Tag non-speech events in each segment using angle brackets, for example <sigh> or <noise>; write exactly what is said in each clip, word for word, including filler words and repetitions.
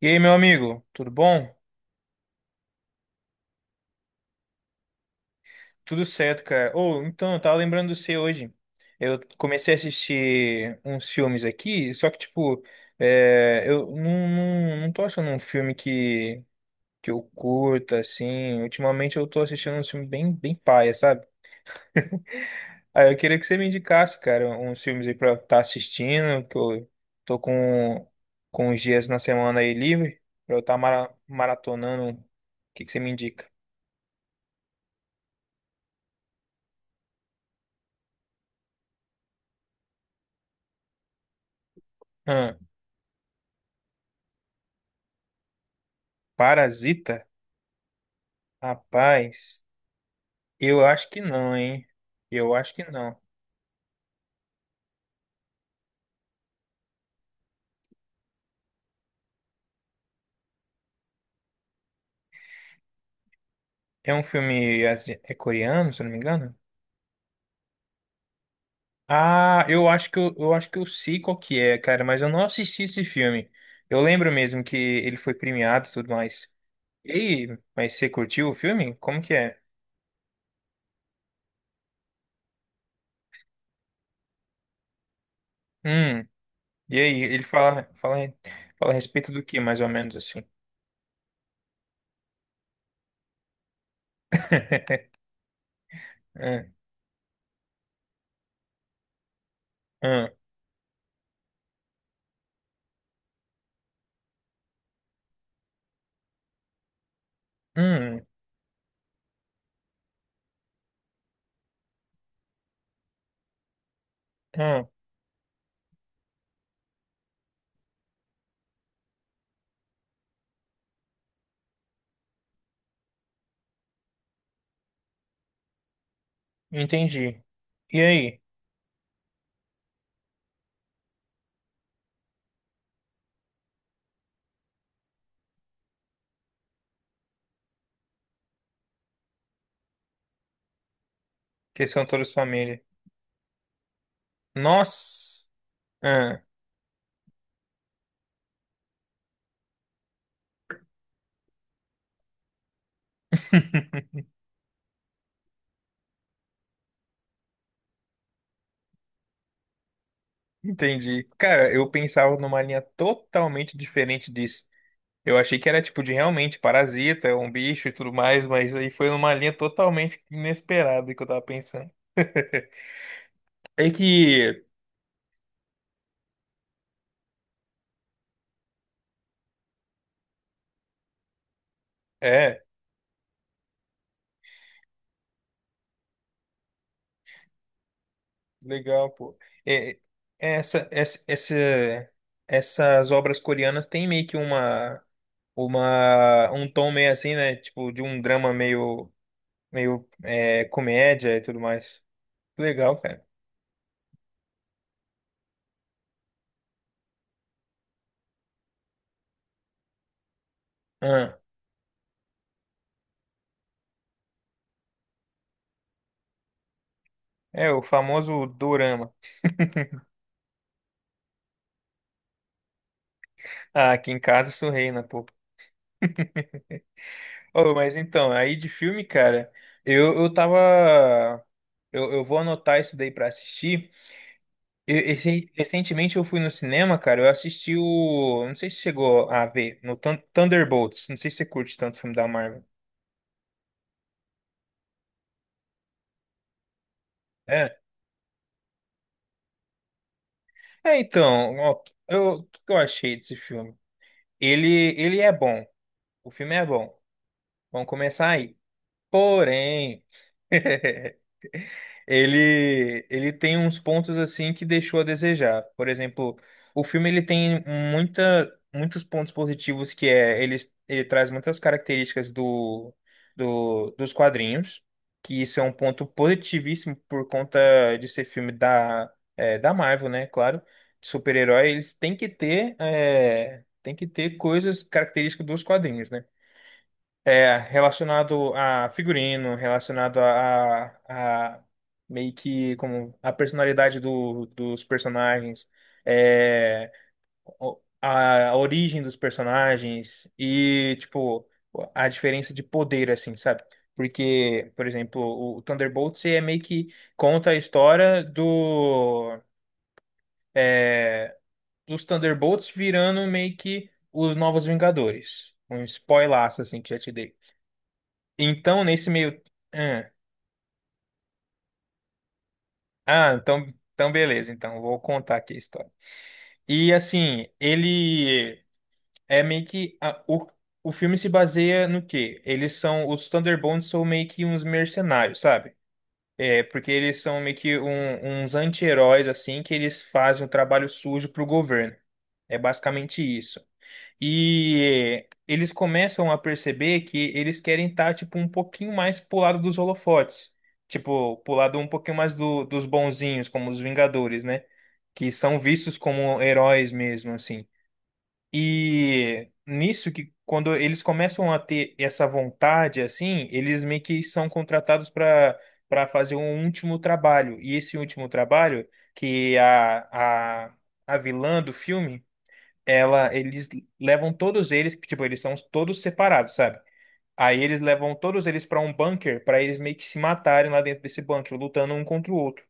E aí, meu amigo, tudo bom? Tudo certo, cara. Ou então, eu tava lembrando de você hoje. Eu comecei a assistir uns filmes aqui, só que, tipo, é, eu não, não, não tô achando um filme que, que eu curta, assim. Ultimamente eu tô assistindo um filme bem, bem paia, sabe? Aí eu queria que você me indicasse, cara, uns filmes aí pra eu estar assistindo, que eu tô com, com os dias na semana aí livre, pra eu estar mara, maratonando. O que que você me indica? Hã, Parasita? Rapaz, eu acho que não, hein? Eu acho que não. É um filme asi- é coreano, se eu não me engano? Ah, eu acho que eu, eu acho que eu sei qual que é, cara, mas eu não assisti esse filme. Eu lembro mesmo que ele foi premiado e tudo mais. E aí, mas você curtiu o filme? Como que é? Hum, e aí, ele fala, fala, fala a respeito do que, mais ou menos assim? <laughs> Hum, hum, hum, hum, entendi. E aí? Que são todas família. Nossa! <laughs> Entendi. Cara, eu pensava numa linha totalmente diferente disso. Eu achei que era tipo de realmente parasita, um bicho e tudo mais, mas aí foi numa linha totalmente inesperada que eu tava pensando. <laughs> É que. É, legal, pô. É, é, essa, essa, essa, essas obras coreanas têm meio que uma, uma, um tom meio assim, né? Tipo, de um drama meio, meio é, comédia e tudo mais. Legal, cara. É, o famoso dorama. Ah, aqui em casa isso reina, pô. Oh, mas então, aí de filme, cara, eu, eu tava. Eu, eu vou anotar isso daí pra assistir. Eu- esse- recentemente eu fui no cinema, cara, eu assisti o. Não sei se chegou a ver, no Thun- Thunderbolts. Não sei se você curte tanto filme da Marvel. É. É, então, ó, eu, o que eu achei desse filme? Ele, ele é bom. O filme é bom. Vamos começar aí. Porém. <laughs> ele ele tem uns pontos assim que deixou a desejar. Por exemplo, o filme ele tem muita muitos pontos positivos que é ele, ele traz muitas características do, do dos quadrinhos, que isso é um ponto positivíssimo por conta de ser filme da é, da Marvel, né? Claro, de super-herói eles têm que ter é, tem que ter coisas características dos quadrinhos, né? É, relacionado a figurino, relacionado a, a, a meio que como a personalidade do, dos personagens, é, o- a, a origem dos personagens e, tipo, a diferença de poder, assim, sabe? Porque, por exemplo, o Thunderbolts é meio que conta a história do, é, dos Thunderbolts virando meio que os Novos Vingadores. Um spoilaço, assim, que já te dei. Então, nesse meio. Ah, ah, então, então beleza. Então, vou contar aqui a história. E assim, ele é meio que. a- o, o filme se baseia no quê? Eles são. Os Thunderbolts são meio que uns mercenários, sabe? É, porque eles são meio que um- uns anti-heróis, assim, que eles fazem um trabalho sujo pro governo. É basicamente isso. E eles começam a perceber que eles querem estar, tipo, um pouquinho mais pro lado dos holofotes. Tipo, pro lado um pouquinho mais do- dos bonzinhos, como os Vingadores, né? Que são vistos como heróis mesmo, assim. E nisso que quando eles começam a ter essa vontade, assim, eles meio que são contratados para para fazer um último trabalho. E esse último trabalho, que é a, a, a vilã do filme ela, eles levam todos eles, tipo, eles são todos separados, sabe? Aí eles levam todos eles pra um bunker pra eles meio que se matarem lá dentro desse bunker, lutando um contra o outro.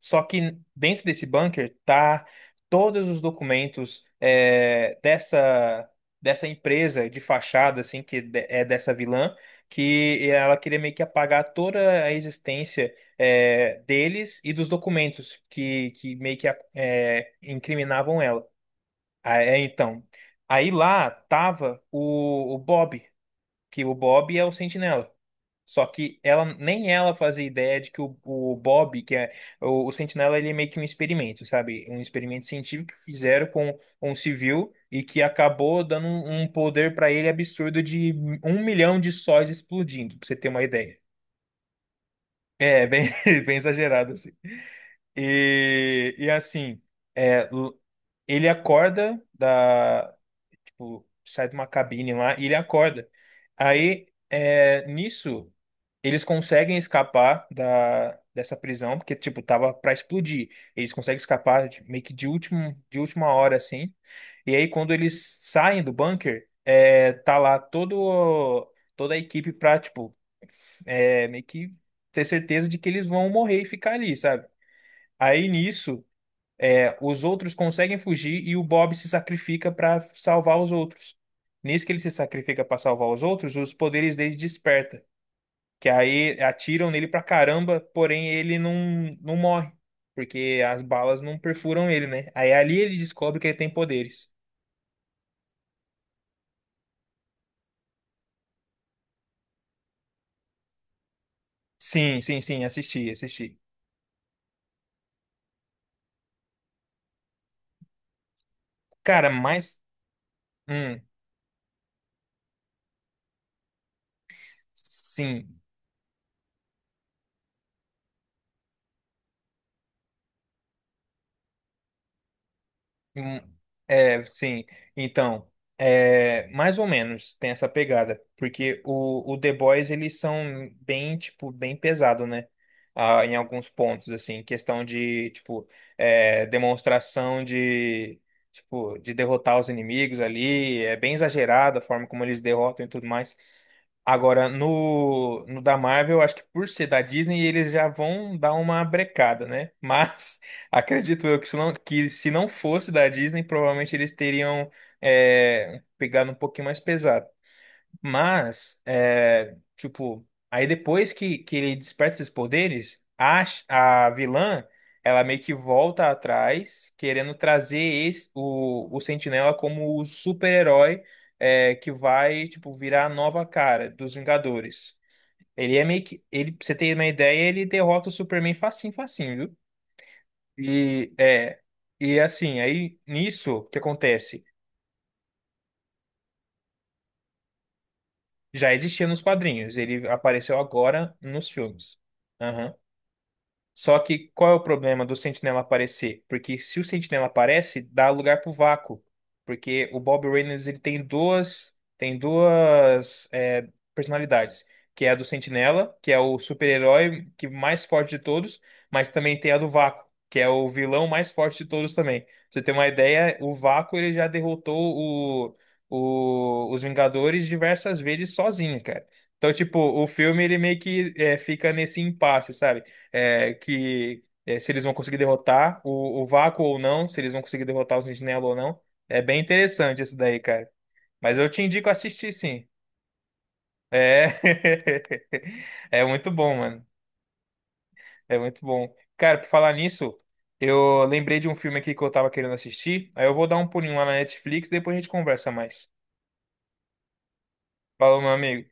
Só que dentro desse bunker tá todos os documentos é, dessa dessa empresa de fachada, assim, que de- é dessa vilã, que ela queria meio que apagar toda a existência é, deles e dos documentos que, que meio que é, incriminavam ela. Ah, é, então. Aí lá tava o, o Bob, que o Bob é o Sentinela. Só que ela nem ela fazia ideia de que o, o Bob, que é o, o Sentinela, ele é meio que um experimento, sabe? Um experimento científico que fizeram com um civil e que acabou dando um, um poder pra ele absurdo de um milhão de sóis explodindo, pra você ter uma ideia. É, bem, <laughs> bem exagerado, assim. E, e assim, é, l- ele acorda da sai de uma cabine lá e ele acorda. Aí, é, nisso, eles conseguem escapar da, dessa prisão, porque, tipo, tava pra explodir. Eles conseguem escapar de- meio que de último, de última hora, assim. E aí, quando eles saem do bunker, é, tá lá todo, toda a equipe pra, tipo, é, meio que ter certeza de que eles vão morrer e ficar ali, sabe? Aí, nisso. É, os outros conseguem fugir e o Bob se sacrifica para salvar os outros. Nisso que ele se sacrifica para salvar os outros, os poderes dele desperta, que aí atiram nele pra caramba, porém ele não, não morre, porque as balas não perfuram ele, né? Aí ali ele descobre que ele tem poderes. Sim, sim, sim, assisti, assisti. Cara, mas hum, sim. Hum, é, sim. Então, é, mais ou menos tem essa pegada, porque o, o The Boys eles são bem, tipo, bem pesado, né? Ah, em alguns pontos, assim, questão de, tipo, é, demonstração de, tipo, de derrotar os inimigos ali, é bem exagerado a forma como eles derrotam e tudo mais. Agora, no, no da Marvel, acho que por ser da Disney, eles já vão dar uma brecada, né? Mas <laughs> acredito eu que se não, que se não fosse da Disney, provavelmente eles teriam é, pegado um pouquinho mais pesado. Mas, é, tipo, aí depois que, que ele desperta esses poderes, a, ch- a vilã, ela meio que volta atrás, querendo trazer esse, o, o Sentinela como o super-herói, é, que vai, tipo, virar a nova cara dos Vingadores. Ele é meio que, ele, pra você ter uma ideia, ele derrota o Superman facinho, facinho, viu? E, é, e assim, aí nisso, o que acontece? Já existia nos quadrinhos, ele apareceu agora nos filmes. Aham. Só que qual é o problema do Sentinela aparecer? Porque se o Sentinela aparece, dá lugar pro vácuo. Porque o Bob Reynolds ele tem duas, tem duas é, personalidades. Que é a do Sentinela, que é o super-herói que mais forte de todos, mas também tem a do Vácuo, que é o vilão mais forte de todos também. Pra você ter uma ideia, o Vácuo ele já derrotou o, o- os Vingadores diversas vezes sozinho, cara. Então, tipo, o filme ele meio que é, fica nesse impasse, sabe? É, que é, se eles vão conseguir derrotar o, o Vácuo ou não, se eles vão conseguir derrotar o Sentinela ou não. É bem interessante isso daí, cara. Mas eu te indico assistir, sim. É, <laughs> é muito bom, mano. É muito bom. Cara, por falar nisso, eu lembrei de um filme aqui que eu tava querendo assistir. Aí eu vou dar um pulinho lá na Netflix, depois a gente conversa mais. Falou, meu amigo.